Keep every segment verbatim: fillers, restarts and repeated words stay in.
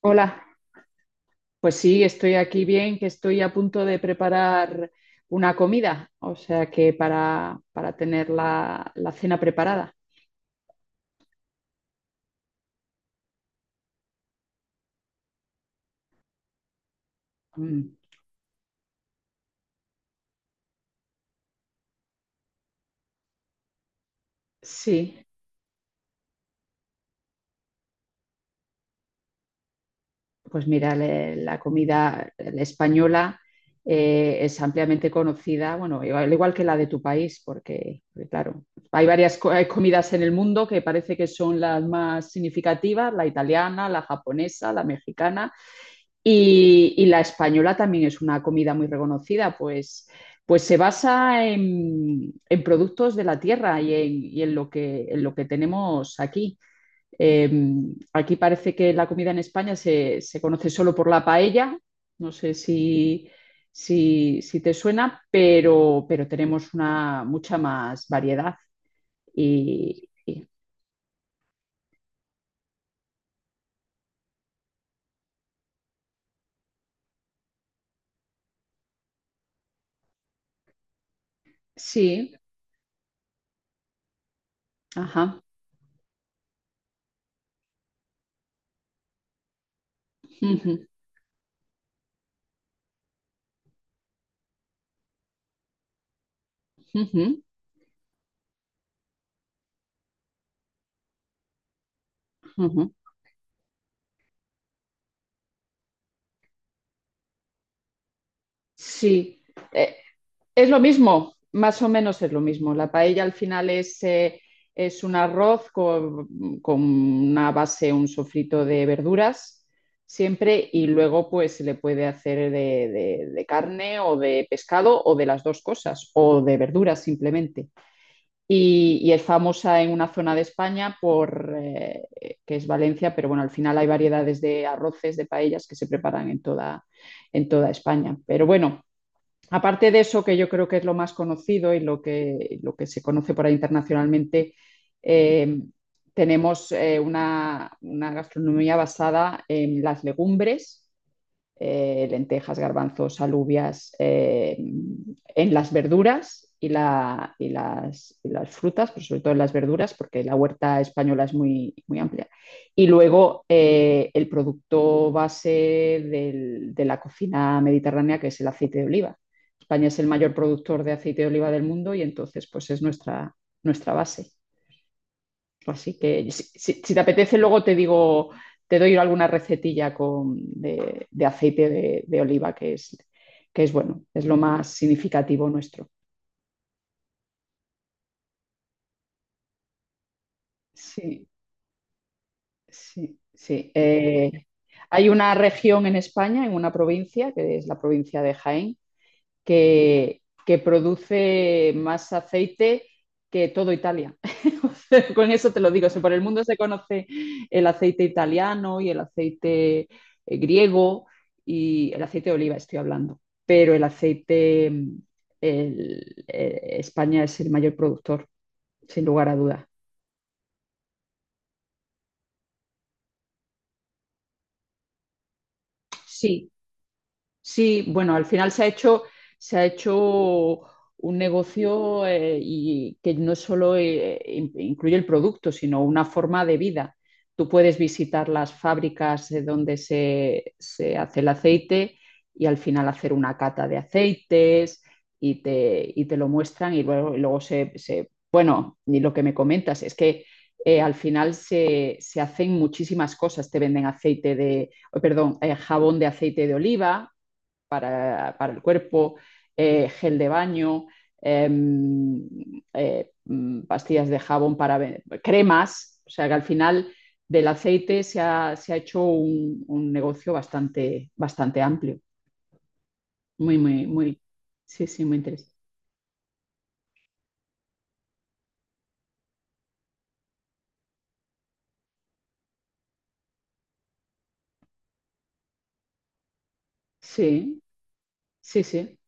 Hola, pues sí, estoy aquí bien, que estoy a punto de preparar una comida, o sea que para, para tener la, la cena preparada. Mm. Sí. Pues mira, le- la comida española eh, es ampliamente conocida, bueno, igual, al igual que la de tu país, porque, porque, claro, hay varias co- eh, comidas en el mundo que parece que son las más significativas, la italiana, la japonesa, la mexicana, y, y la española también es una comida muy reconocida, pues, pues se basa en, en productos de la tierra y en, y en lo que, en lo que tenemos aquí. Eh, Aquí parece que la comida en España se, se, conoce solo por la paella, no sé si, si, si te suena, pero, pero tenemos una mucha más variedad. Y, y- sí, ajá. Ujú, ujú, ujú. Sí. Eh, Es lo mismo, más o menos es lo mismo. La paella al final es, eh, es un arroz con, con una base, un sofrito de verduras siempre y luego pues se le puede hacer de, de- de carne o de pescado o de las dos cosas o de verduras simplemente. Y, y es famosa en una zona de España por, eh, que es Valencia, pero bueno, al final hay variedades de arroces, de paellas que se preparan en toda, en toda España. Pero bueno, aparte de eso, que yo creo que es lo más conocido y lo que, lo que se conoce por ahí internacionalmente, eh, tenemos eh, una, una gastronomía basada en las legumbres, eh, lentejas, garbanzos, alubias, eh, en las verduras y, la- y las, y las frutas, pero sobre todo en las verduras, porque la huerta española es muy, muy amplia. Y luego eh, el producto base del- de la cocina mediterránea, que es el aceite de oliva. España es el mayor productor de aceite de oliva del mundo y entonces pues es nuestra, nuestra base. Así que si, si- si te apetece, luego te digo, te doy alguna recetilla con, de, de aceite de, de oliva, que es, que es bueno, es lo más significativo nuestro. Sí, sí, sí. Eh, hay una región en España, en una provincia, que es la provincia de Jaén, que, que produce más aceite que todo Italia. O sea, con eso te lo digo. O sea, por el mundo se conoce el aceite italiano y el aceite, eh, griego, y el aceite de oliva, estoy hablando. Pero el aceite, el- eh, España es el mayor productor, sin lugar a dudas. Sí. Sí, bueno, al final se ha hecho, se ha hecho un negocio, eh, y que no solo eh, in- incluye el producto, sino una forma de vida. Tú puedes visitar las fábricas eh, donde se, se hace el aceite y al final hacer una cata de aceites y te, y te lo muestran y luego, y luego se, se- Bueno, y lo que me comentas es que, eh, al final se, se hacen muchísimas cosas. Te venden aceite de, oh, perdón, eh, jabón de aceite de oliva para, para el cuerpo, eh, gel de baño, eh, eh, mm, pastillas de jabón para cremas, o sea que al final del aceite se ha, se ha hecho un, un, negocio bastante, bastante amplio, muy, muy, muy, sí, sí, muy interesante. Sí, sí, sí.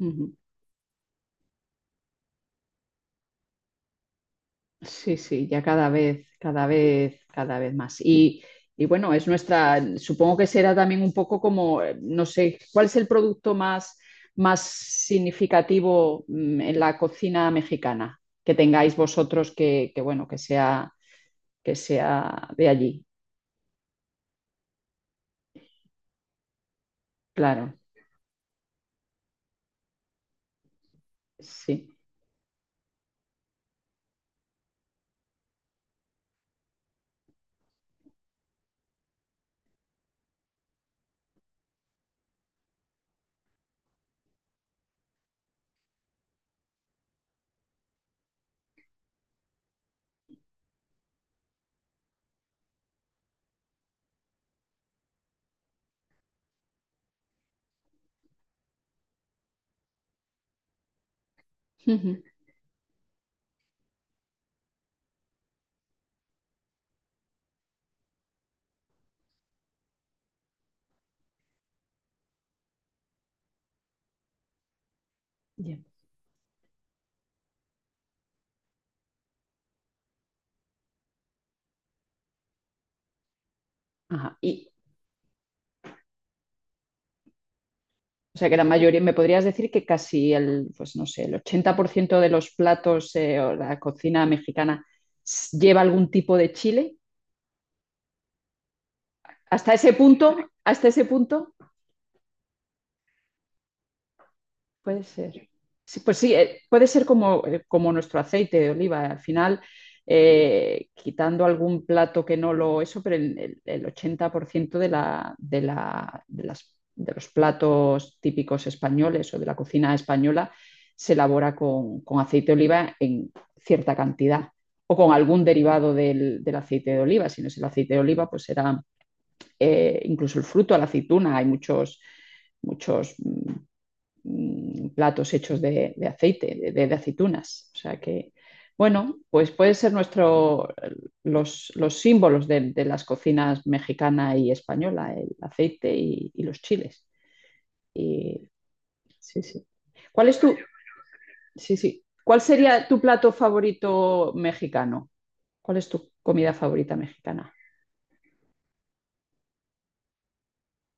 Ujú. Sí, sí, ya cada vez, cada vez, cada vez más. Y, y bueno, es nuestra, supongo que será también un poco como, eh, no sé, ¿cuál es el producto más, más significativo, mm, en la cocina mexicana que tengáis vosotros que, que, bueno, que sea, que sea de allí? Claro, sí. Ujú. Bien. Ajá. Y, O sea que la mayoría, me podrías decir que casi el, pues no sé, el ochenta por ciento de los platos, eh, o la cocina mexicana s- lleva algún tipo de chile. Hasta ese punto, hasta ese punto. Puede ser. Sí, pues sí, eh, puede ser como, eh, como nuestro aceite de oliva. Al final, eh, quitando algún plato que no lo eso, pero el, el- el ochenta por ciento de, la, de, la- de las- de los platos típicos españoles o de la cocina española se elabora con, con aceite de oliva en cierta cantidad o con algún derivado del, del aceite de oliva. Si no es el aceite de oliva, pues será, eh, incluso el fruto, la aceituna. Hay muchos muchos mm, mm, platos hechos de, de aceite, de, de, de aceitunas. O sea que, bueno, pues puede ser nuestro, los, los símbolos de, de, las cocinas mexicana y española, el aceite y, y los chiles. Y, sí, sí. ¿Cuál es tu, sí, sí. ¿Cuál sería tu plato favorito mexicano? ¿Cuál es tu comida favorita mexicana?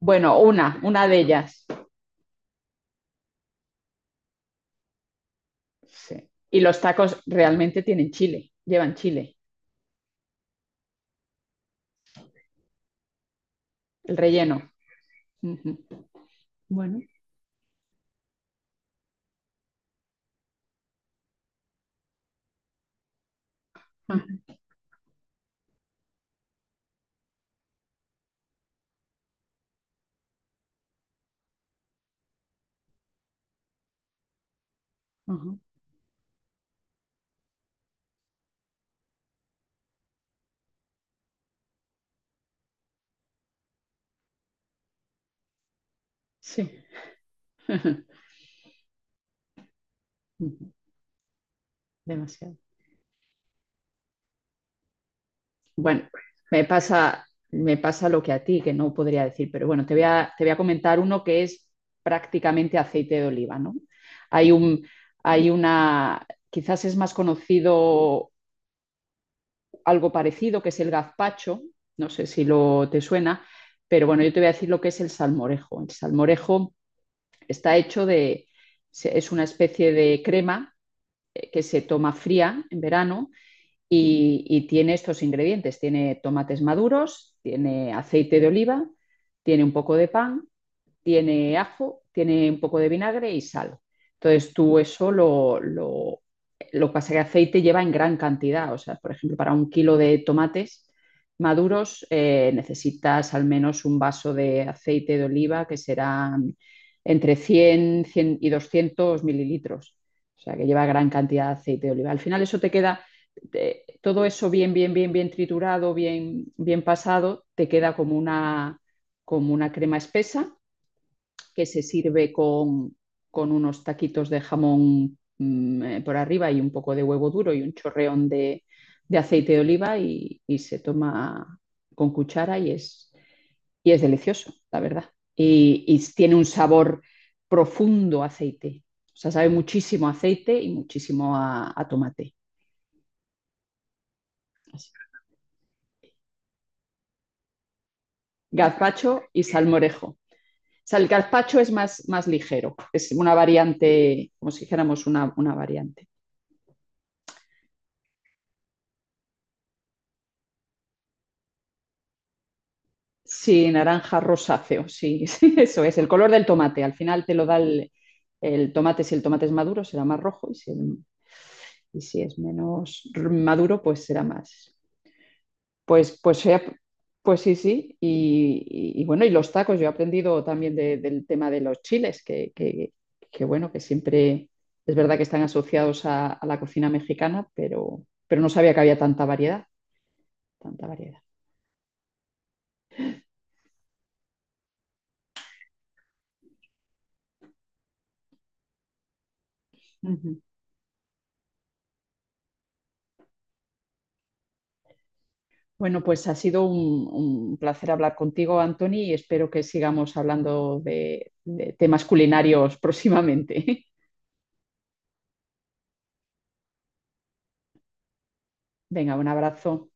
Bueno, una, una de ellas. Sí. Y los tacos realmente tienen chile, llevan chile, el relleno. Uh -huh. Bueno. Ajá. Ajá. Sí. Ujú, demasiado. Bueno, me pasa, me pasa lo que a ti, que no podría decir, pero bueno, te voy a, te voy a comentar uno que es prácticamente aceite de oliva, ¿no? Hay un, hay una, quizás es más conocido algo parecido, que es el gazpacho, no sé si lo te suena, pero bueno, yo te voy a decir lo que es el salmorejo. El salmorejo está hecho de, se- es una especie de crema, eh, que se toma fría en verano, y, y tiene estos ingredientes. Tiene tomates maduros, tiene aceite de oliva, tiene un poco de pan, tiene ajo, tiene un poco de vinagre y sal. Entonces tú eso lo, lo, lo que pasa es que aceite lleva en gran cantidad. O sea, por ejemplo, para un kilo de tomates maduros, eh, necesitas al menos un vaso de aceite de oliva, que será entre cien cien y doscientos mililitros. O sea, que lleva gran cantidad de aceite de oliva. Al final eso te queda, te, todo eso bien, bien, bien, bien triturado, bien, bien pasado, te queda como una, como una crema espesa que se sirve con, con unos taquitos de jamón, mmm, por arriba, y un poco de huevo duro y un chorreón de, de aceite de oliva y, y, se toma con cuchara y es, y es delicioso, la verdad. Y, y tiene un sabor profundo a aceite. O sea, sabe muchísimo a aceite y muchísimo a, a tomate. Así. Gazpacho y salmorejo. O sea, el gazpacho es más, más ligero, es una variante, como si dijéramos una, una variante. Sí, naranja rosáceo, sí, sí, eso es, el color del tomate. Al final te lo da el, el tomate, si el tomate es maduro será más rojo, y si, el- y si es menos r- maduro, pues será más. Pues, pues, sea- pues sí, sí. Y, y- y bueno, y los tacos, yo he aprendido también de- del tema de los chiles, que, que- que bueno, que siempre es verdad que están asociados a, a la cocina mexicana, pero, pero no sabía que había tanta variedad, tanta variedad. Bueno, pues ha sido un, un placer hablar contigo, Anthony, y espero que sigamos hablando de de temas culinarios próximamente. Venga, un abrazo.